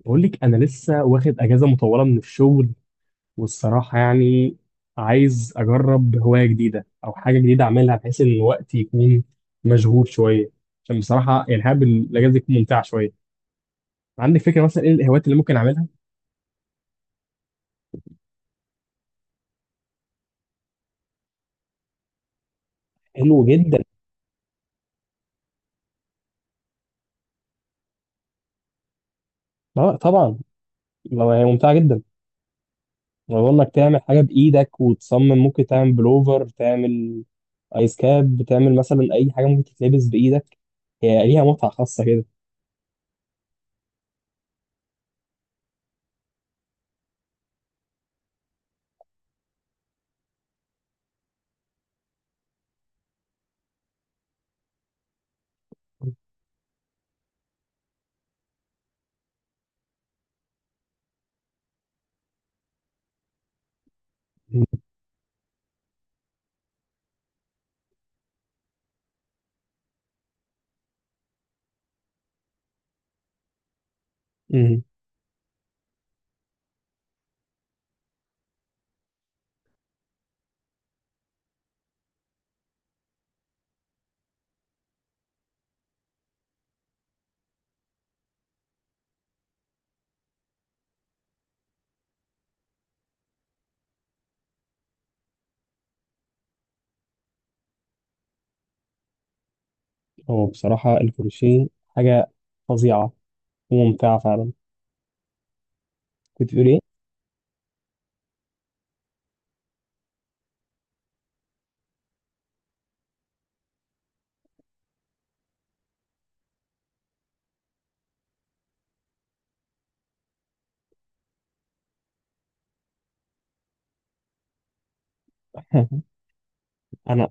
بقول لك انا لسه واخد اجازه مطوله من الشغل، والصراحه يعني عايز اجرب هوايه جديده او حاجه جديده اعملها، بحيث ان وقتي يكون مشغول شويه، عشان بصراحه يعني حابب الاجازه دي تكون ممتعه شويه. عندك فكره مثلا ايه الهوايات اللي ممكن اعملها؟ حلو جدا. اه، طبعا. لو هي ممتعه جدا، لو انك تعمل حاجه بايدك وتصمم ممكن تعمل بلوفر، تعمل ايس كاب، تعمل مثلا اي حاجه ممكن تتلبس بايدك. هي ليها متعه خاصه كده. هو بصراحة الكروشيه حاجة فظيعة وممتعة فعلا. كنت بتقول ايه؟ انا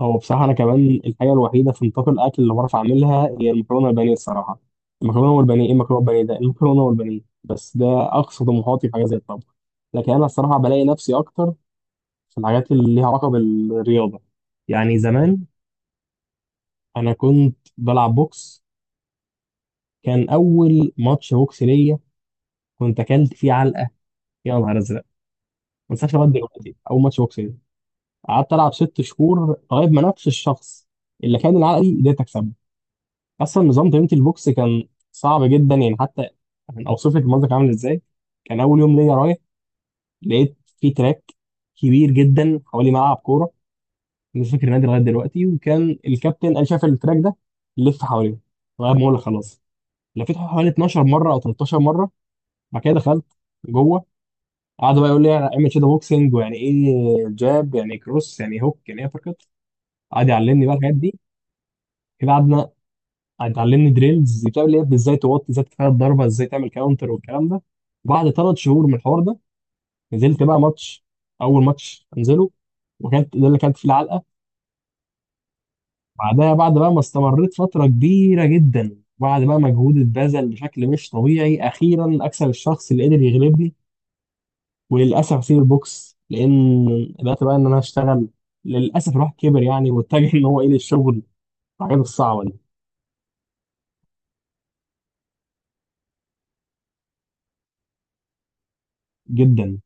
هو بصراحة انا كمان الحاجة الوحيدة في نطاق الاكل اللي بعرف اعملها هي المكرونة والبانيه الصراحة. المكرونة والبانيه ايه؟ المكرونة والبانيه ده، المكرونة والبانيه بس ده اقصى طموحاتي في حاجة زي الطبخ. لكن انا الصراحة بلاقي نفسي اكتر في الحاجات اللي ليها علاقة بالرياضة. يعني زمان انا كنت بلعب بوكس. كان اول ماتش بوكس ليا كنت اكلت فيه علقة، يا نهار ازرق ما انساش لغاية دلوقتي اول ماتش بوكس. قعدت العب 6 شهور لغايه ما نفس الشخص اللي كان العقلي قدرت اكسبه. اصلا نظام تمرينة البوكس كان صعب جدا، يعني حتى اوصف لك المنظر كان عامل ازاي. كان اول يوم ليا رايح، لقيت في تراك كبير جدا حوالي ملعب كوره، مش فاكر النادي لغايه دلوقتي. وكان الكابتن قال شاف التراك ده لف حواليه لغايه ما اقول خلاص. لفيت حوالي 12 مره او 13 مره. بعد كده دخلت جوه. قعدوا بقى يقول لي اعمل شادو بوكسنج، ويعني ايه جاب، يعني إيه كروس، يعني إيه هوك، يعني ايه ابر كات. قعد يعلمني بقى الحاجات دي. كده قعدنا. اتعلمني دريلز بتاع اللي هي ازاي توطي، ازاي تفادى الضربه، ازاي تعمل كاونتر والكلام ده. بعد 3 شهور من الحوار ده نزلت بقى ماتش، اول ماتش انزله، وكانت ده اللي كانت فيه العلقه. بعدها، بعد بقى ما استمريت فتره كبيره جدا، بعد بقى مجهود اتبذل بشكل مش طبيعي، اخيرا اكسب الشخص اللي قدر يغلبني. وللاسف اسيب البوكس لان بدات بقى ان انا اشتغل. للاسف الواحد كبر يعني، واتجه ان هو ايه للشغل، الحاجات الصعبه دي. جدا.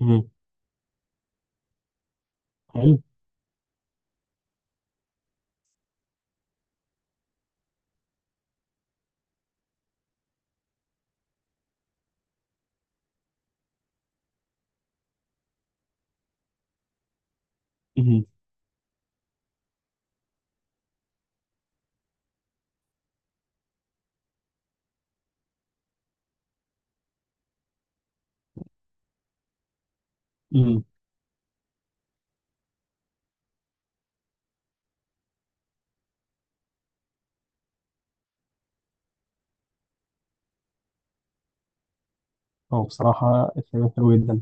مم. حلو. مم. مم. هو بصراحة الفيلم حلو جدا.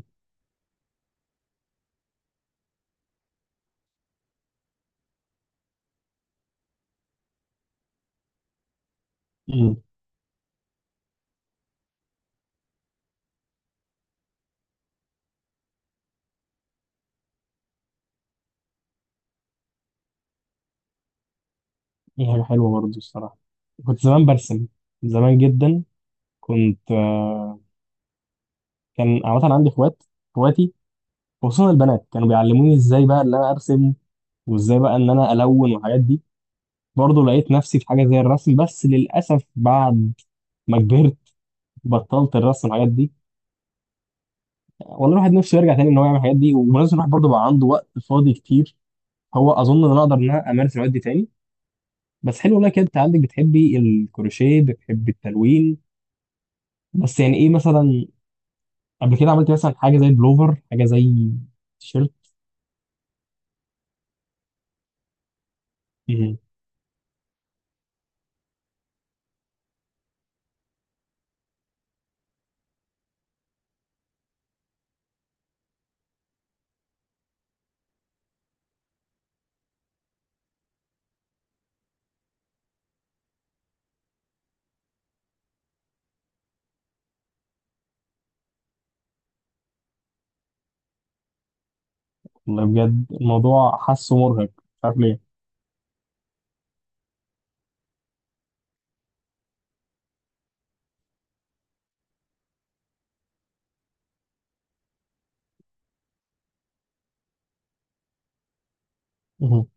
امم دي حاجة حلوة برضه الصراحة. كنت زمان برسم، زمان جدا. كنت كان عامة عندي اخوات، اخواتي خصوصا البنات كانوا بيعلموني ازاي بقى ان انا ارسم، وازاي بقى ان انا الون والحاجات دي. برضه لقيت نفسي في حاجة زي الرسم، بس للأسف بعد ما كبرت بطلت الرسم والحاجات دي. والله الواحد نفسه يرجع تاني ان هو يعمل الحاجات دي، وبالنسبة الواحد برضه بقى عنده وقت فاضي كتير، هو اظن ان انا اقدر ان انا امارس الهوايات دي تاني. بس حلو والله كده، انت عندك بتحبي الكروشيه، بتحبي التلوين. بس يعني ايه مثلا قبل كده عملتي مثلا حاجه زي بلوفر، حاجه زي تيشيرت؟ مهم. والله بجد الموضوع حاسه مرهق مش عارف ليه. مهم.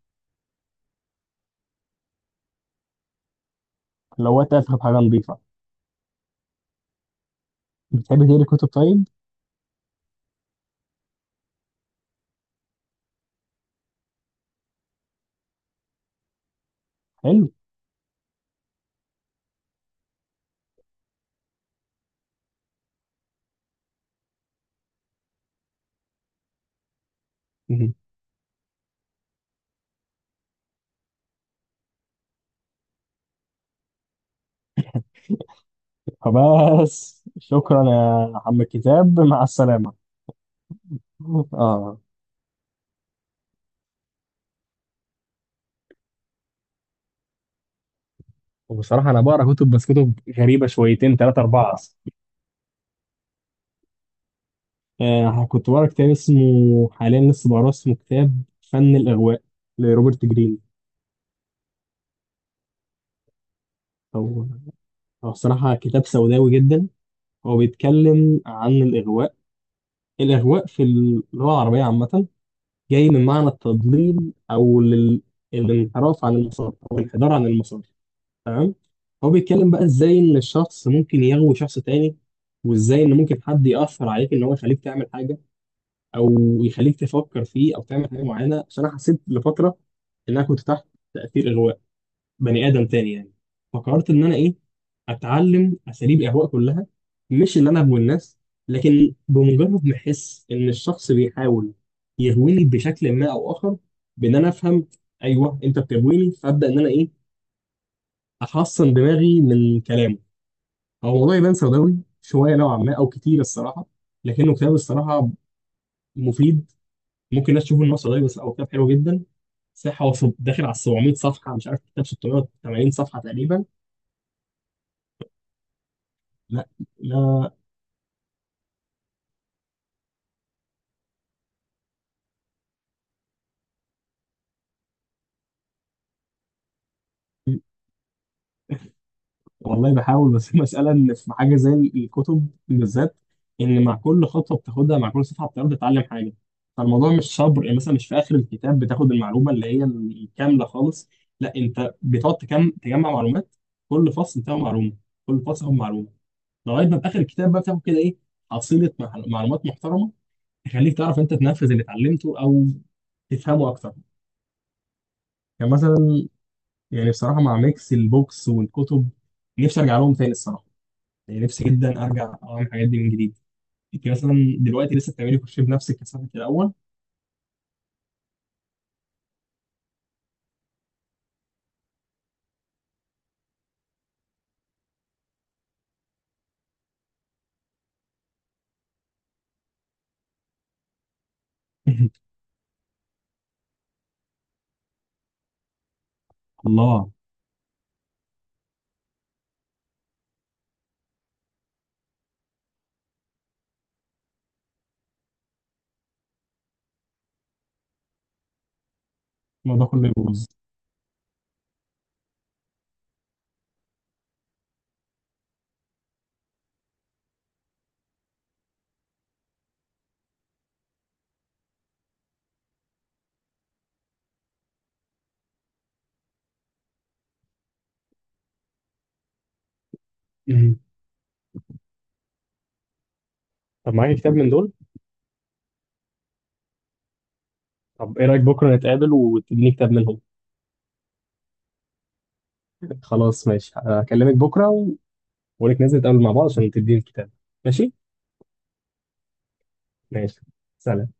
لو وقت افهم حاجه نظيفه. بتحبي تقري كتب طيب؟ حلو. مهم. فبس شكرا يا عم الكتاب مع السلامه. اه. وبصراحه انا بقرا كتب، بس كتب غريبه شويتين ثلاثه اربعه. كنت بقرا كتاب اسمه حاليا لسه بقراه، اسمه كتاب فن الإغواء لروبرت جرين. هو هو الصراحة كتاب سوداوي جدا. هو بيتكلم عن الإغواء. الإغواء في اللغة العربية عامة جاي من معنى التضليل أو الانحراف عن المسار، أو الانحدار عن المسار. تمام. هو بيتكلم بقى إزاي إن الشخص ممكن يغوي شخص تاني، وإزاي إن ممكن حد يأثر عليك إن هو يخليك تعمل حاجة، او يخليك تفكر فيه او تعمل حاجه معينه. عشان انا حسيت لفتره ان انا كنت تحت تاثير اغواء بني ادم تاني يعني. فقررت ان انا ايه اتعلم اساليب الاغواء كلها. مش اللي انا اغوي الناس، لكن بمجرد ما احس ان الشخص بيحاول يغويني بشكل ما او اخر، بان انا افهم ايوه انت بتغويني، فابدا ان انا ايه احصن دماغي من كلامه. هو الموضوع يبان سوداوي شويه نوعا ما او كتير الصراحه، لكنه كتاب الصراحه مفيد. ممكن الناس تشوف النص قليل، بس لا، هو كتاب حلو جدا. صح، هو داخل على 700 صفحه، مش عارف، كتاب 680 صفحه تقريبا. لا، لا. والله بحاول بس المسألة إن في حاجة زي الكتب بالذات، إن مع كل خطوة بتاخدها، مع كل صفحة بتاخدها، بتتعلم حاجة. فالموضوع مش صبر، يعني مثلا مش في آخر الكتاب بتاخد المعلومة اللي هي الكاملة خالص. لا، أنت بتقعد تجمع معلومات. كل فصل بتاعه معلومة، كل فصل هو معلومة. لغاية ما في آخر الكتاب بقى بتاخد كده إيه، حصيلة معلومات محترمة، يخليك تعرف انت تنفذ اللي اتعلمته او تفهمه اكتر، يعني مثلا. يعني بصراحه مع ميكس البوكس والكتب نفسي ارجع لهم تاني الصراحه. يعني نفسي جدا ارجع اعمل الحاجات دي من جديد. انت مثلا دلوقتي لسه بتعملي كروشيه بنفسك كثافه الاول؟ الله، الموضوع كله يبوظ. مم. طب معاك كتاب من دول؟ طب ايه رايك بكره نتقابل وتديني كتاب منهم؟ خلاص، ماشي، هكلمك بكره و... ونتنزل نتقابل مع بعض عشان تديني الكتاب. ماشي. ماشي. سلام.